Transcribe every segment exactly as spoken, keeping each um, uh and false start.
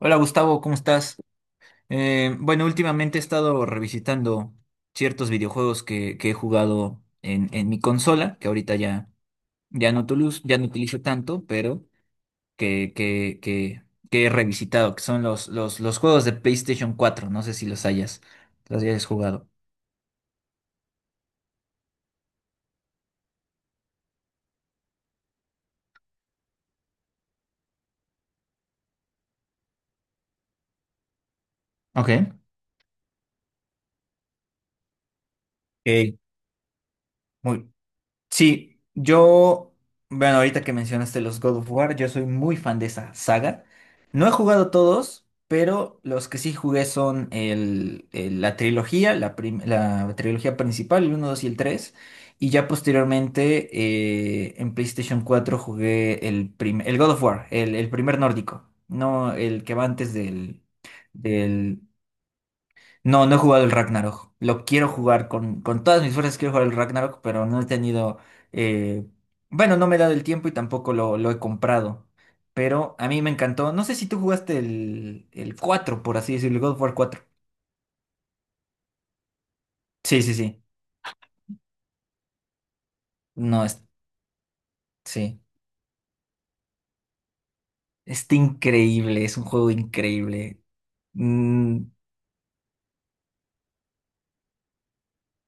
Hola Gustavo, ¿cómo estás? Eh, bueno, últimamente he estado revisitando ciertos videojuegos que, que he jugado en, en mi consola, que ahorita ya, ya no utilizo, ya no utilizo tanto, pero que, que, que, que he revisitado, que son los, los, los juegos de PlayStation cuatro. No sé si los hayas, los hayas jugado. Ok. Ok, Muy, Sí, yo, bueno, ahorita que mencionaste los God of War, yo soy muy fan de esa saga. No he jugado todos, pero los que sí jugué son el, el- la trilogía, la, prim- la trilogía principal, el uno, dos y el tres. Y ya posteriormente eh, en PlayStation cuatro jugué el, prim- el God of War, el, el primer nórdico, no el que va antes del, del No, no he jugado el Ragnarok. Lo quiero jugar con, con todas mis fuerzas, quiero jugar el Ragnarok, pero no he tenido... eh, Bueno, no me he dado el tiempo y tampoco lo, lo he comprado. Pero a mí me encantó. No sé si tú jugaste el, el cuatro, por así decirlo, el God of War cuatro. Sí, sí, sí. No, es, sí. Está increíble, es un juego increíble. Mm,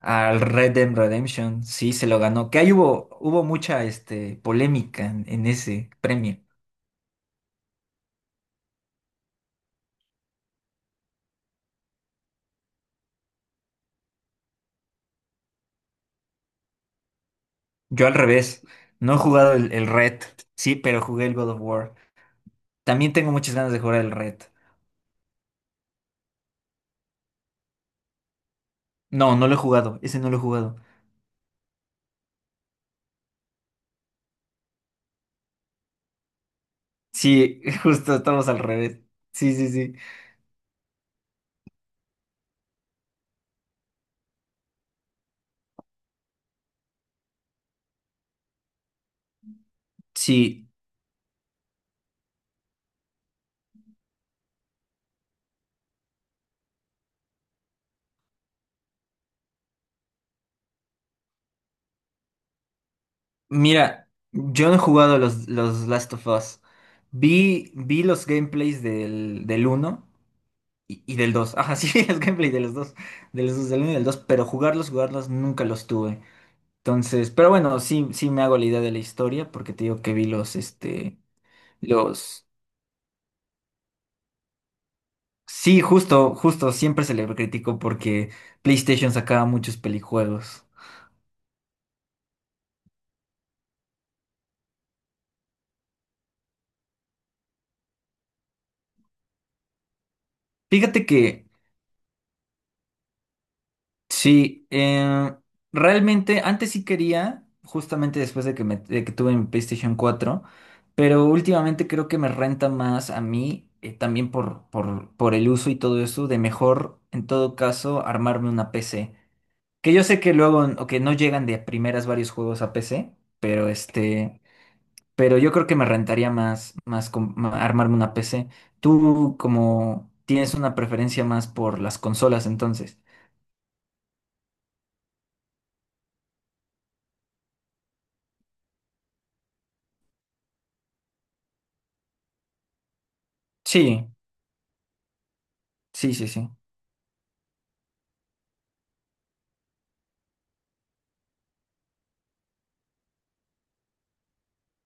Al Red Dead Redemption, sí, se lo ganó. Que ahí hubo, hubo mucha este, polémica en en ese premio. Yo al revés. No he jugado. El, el Red, sí, pero jugué el God of War. También tengo muchas ganas de jugar el Red. No, no lo he jugado. Ese no lo he jugado. Sí, justo estamos al revés. Sí, sí, sí. Sí, mira, yo no he jugado los, los Last of Us. Vi, vi los gameplays del, del uno y, y del dos. Ajá, sí, los gameplays de los dos. De los dos, del uno y del dos, pero jugarlos, jugarlos nunca los tuve. Entonces, pero bueno, sí, sí me hago la idea de la historia porque te digo que vi los, este, los... Sí, justo, justo, siempre se le criticó porque PlayStation sacaba muchos pelijuegos. Fíjate que sí, eh, realmente antes sí quería, justamente después de que, me, de que tuve mi PlayStation cuatro, pero últimamente creo que me renta más a mí, eh, también por, por, por el uso y todo eso, de mejor, en todo caso, armarme una P C. Que yo sé que luego, o que no llegan de primeras varios juegos a P C, pero este... Pero yo creo que me rentaría más, más com- ma- armarme una P C. Tú como tienes una preferencia más por las consolas, entonces. Sí, sí, sí, sí.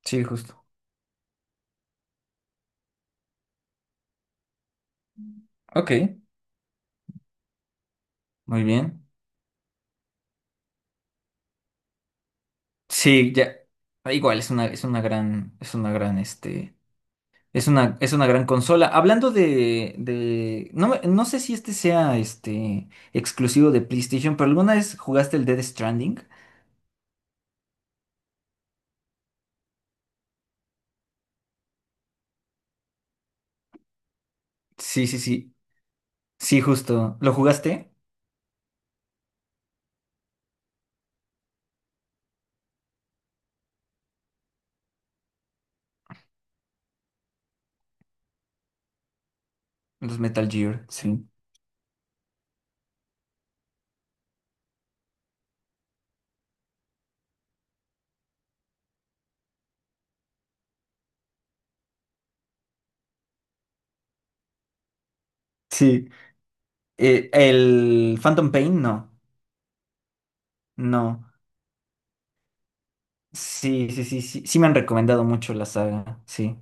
Sí, justo. Ok, muy bien. Sí, ya. ah, Igual, es una, es una gran, es una gran, este, es una, es una gran consola. Hablando de, de, no, me- no sé si este sea, este, exclusivo de PlayStation, pero ¿alguna vez jugaste el Dead Stranding? Sí, sí, sí. Sí, justo. ¿Lo jugaste? Los Metal Gear, sí. Sí. Eh, El Phantom Pain, no. No. Sí, sí, sí, sí. Sí me han recomendado mucho la saga. Sí.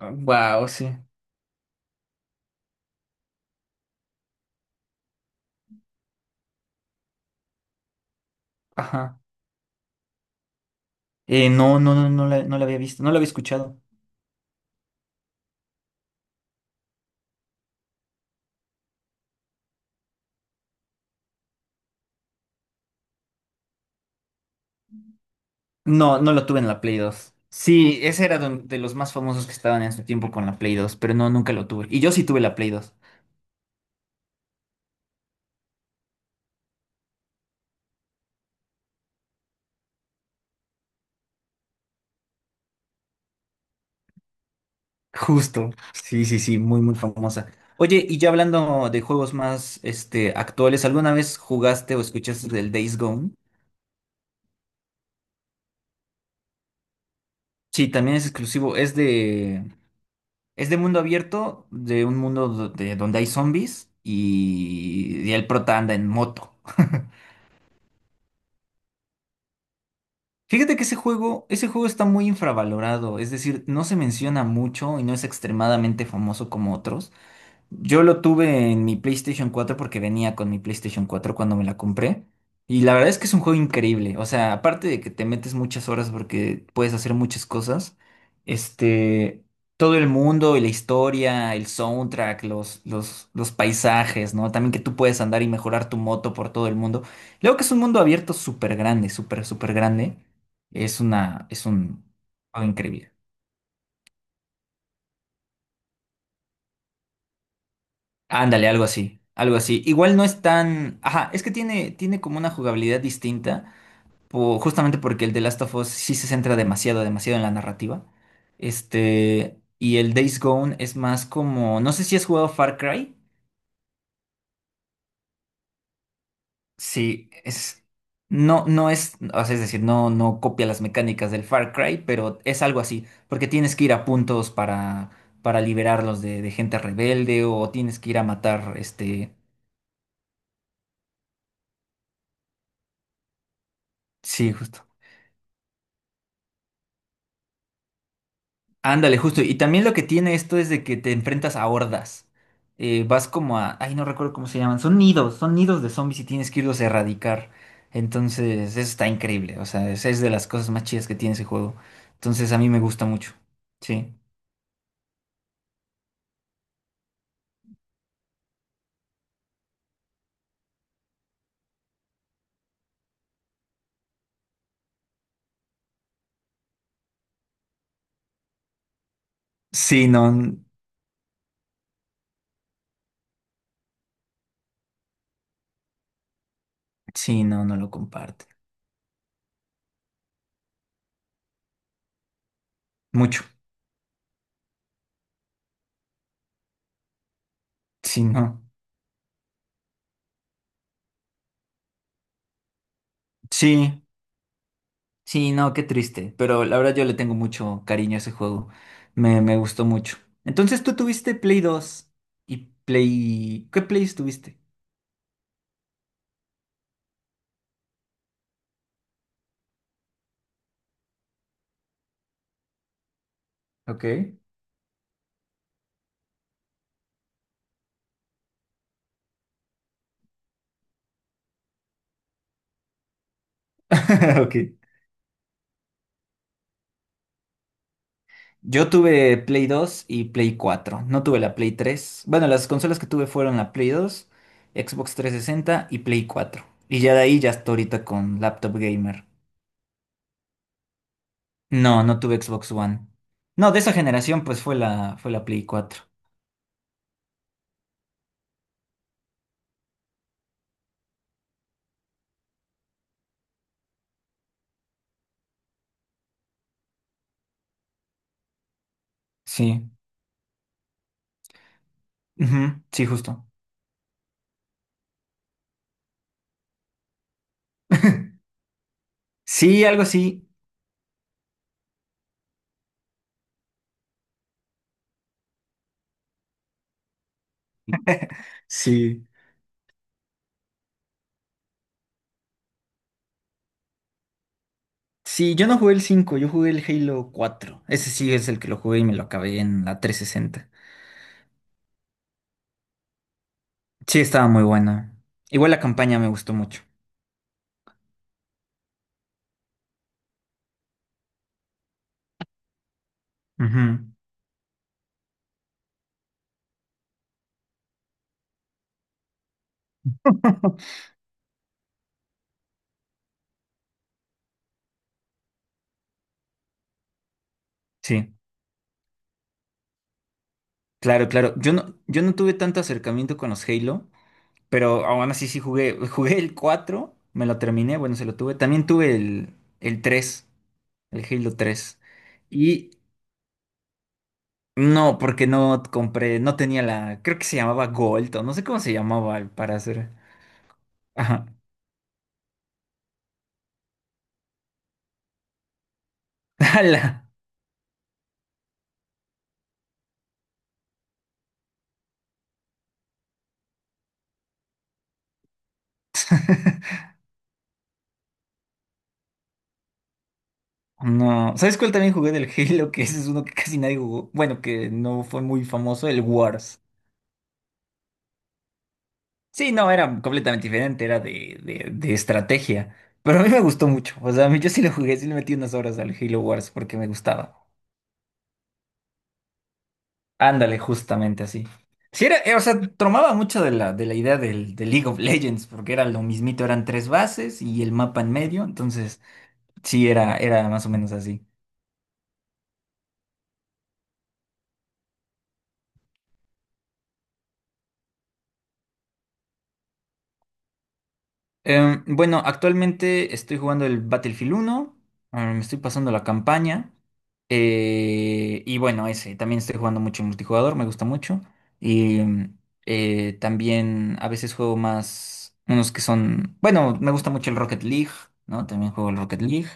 Wow, sí. Ajá. Eh, no, no, no, no la, no la había visto. No la había escuchado. No, no lo tuve en la Play dos. Sí, ese era de, de los más famosos que estaban en su tiempo con la Play dos, pero no, nunca lo tuve. Y yo sí tuve la Play dos. Justo. Sí, sí, sí, muy, muy famosa. Oye, y ya hablando de juegos más, este, actuales, ¿alguna vez jugaste o escuchaste del Days Gone? Sí, también es exclusivo. Es de, Es de mundo abierto, de un mundo do- de- donde hay zombies y, y el prota anda en moto. Fíjate que ese juego, ese juego está muy infravalorado, es decir, no se menciona mucho y no es extremadamente famoso como otros. Yo lo tuve en mi PlayStation cuatro porque venía con mi PlayStation cuatro cuando me la compré. Y la verdad es que es un juego increíble. O sea, aparte de que te metes muchas horas porque puedes hacer muchas cosas, este, todo el mundo y la historia, el soundtrack, los, los, los paisajes, ¿no? También que tú puedes andar y mejorar tu moto por todo el mundo. Luego que es un mundo abierto súper grande, súper, súper grande. Es una, es un juego increíble. Ándale, algo así, algo así. Igual no es tan... Ajá, es que tiene, tiene como una jugabilidad distinta, po- justamente porque el de Last of Us sí se centra demasiado, demasiado en la narrativa. Este, y el Days Gone es más como... No sé si has jugado Far Cry. Sí, es... No, no es... O sea, es decir, no, no copia las mecánicas del Far Cry, pero es algo así, porque tienes que ir a puntos para, para liberarlos de, de gente rebelde o tienes que ir a matar, este... Sí, ándale, justo. Y también lo que tiene esto es de que te enfrentas a hordas. Eh, vas como a... Ay, no recuerdo cómo se llaman. Son nidos, son nidos de zombies y tienes que irlos a erradicar. Entonces, eso está increíble. O sea, es, es de las cosas más chidas que tiene ese juego. Entonces, a mí me gusta mucho. Sí. Sí, no. Sí, no, no lo comparte. Mucho. Sí, no. Sí. Sí, no, qué triste. Pero la verdad yo le tengo mucho cariño a ese juego. Me, me gustó mucho. Entonces, tú tuviste Play dos y Play... ¿Qué Play tuviste? Ok. Ok. Yo tuve Play dos y Play cuatro. No tuve la Play tres. Bueno, las consolas que tuve fueron la Play dos, Xbox trescientos sesenta y Play cuatro. Y ya de ahí ya hasta ahorita con laptop gamer. No, no tuve Xbox One. No, de esa generación pues fue la, fue la Play cuatro. Sí. Ujú. Sí, justo. Sí, algo así. Sí. Sí, yo no jugué el cinco. Yo jugué el Halo cuatro. Ese sí es el que lo jugué y me lo acabé en la trescientos sesenta. Sí, estaba muy buena. Igual la campaña me gustó mucho. Ujú. Sí, claro, claro. Yo no, yo no tuve tanto acercamiento con los Halo, pero aún así sí jugué. Jugué el cuatro, me lo terminé, bueno, se lo tuve. También tuve el, el tres, el Halo tres. Y no, porque no compré, no tenía la, creo que se llamaba Gold, o no sé cómo se llamaba el- para hacer. Ajá. ¡Hala! No. ¿Sabes cuál también jugué del Halo? Que ese es uno que casi nadie jugó. Bueno, que no fue muy famoso, el Wars. Sí, no, era completamente diferente, era de, de, de estrategia. Pero a mí me gustó mucho. O sea, a mí yo sí lo jugué, sí le metí unas horas al Halo Wars porque me gustaba. Ándale, justamente así. Sí, era, eh, o sea, tomaba mucho de la, de la idea del, de League of Legends, porque era lo mismito, eran tres bases y el mapa en medio, entonces sí, era, era más o menos así. Em, bueno, actualmente estoy jugando el Battlefield uno, eh, me estoy pasando la campaña. Eh, y bueno, ese, también estoy jugando mucho en multijugador, me gusta mucho. Y mm, eh, también a veces juego más, unos que son, bueno, me gusta mucho el Rocket League, ¿no? También juego el Rocket League.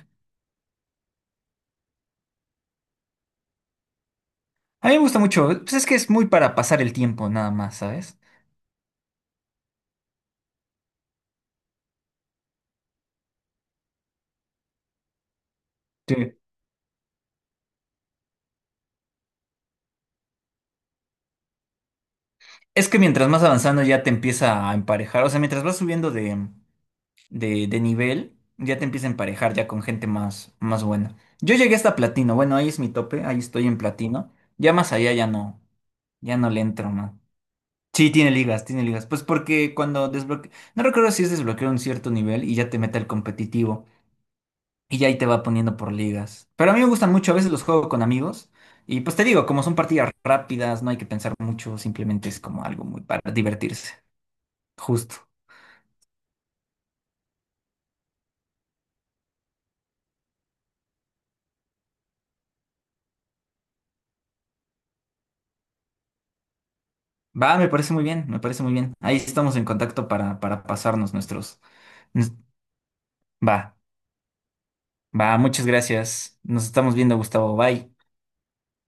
A mí me gusta mucho, pues es que es muy para pasar el tiempo nada más, ¿sabes? Sí. Es que mientras más avanzando ya te empieza a emparejar, o sea, mientras vas subiendo de, de, de nivel, ya te empieza a emparejar ya con gente más, más buena. Yo llegué hasta platino, bueno, ahí es mi tope, ahí estoy en platino. Ya más allá ya no. Ya no le entro, man. Sí, tiene ligas, tiene ligas. Pues porque cuando desbloquea. No recuerdo si es desbloquear un cierto nivel y ya te mete el competitivo. Y ya ahí te va poniendo por ligas. Pero a mí me gustan mucho, a veces los juego con amigos. Y pues te digo, como son partidas rápidas, no hay que pensar mucho, simplemente es como algo muy para divertirse. Justo. Va, me parece muy bien, me parece muy bien. Ahí estamos en contacto para, para pasarnos nuestros. nos- Va, va, muchas gracias. Nos estamos viendo, Gustavo. Bye.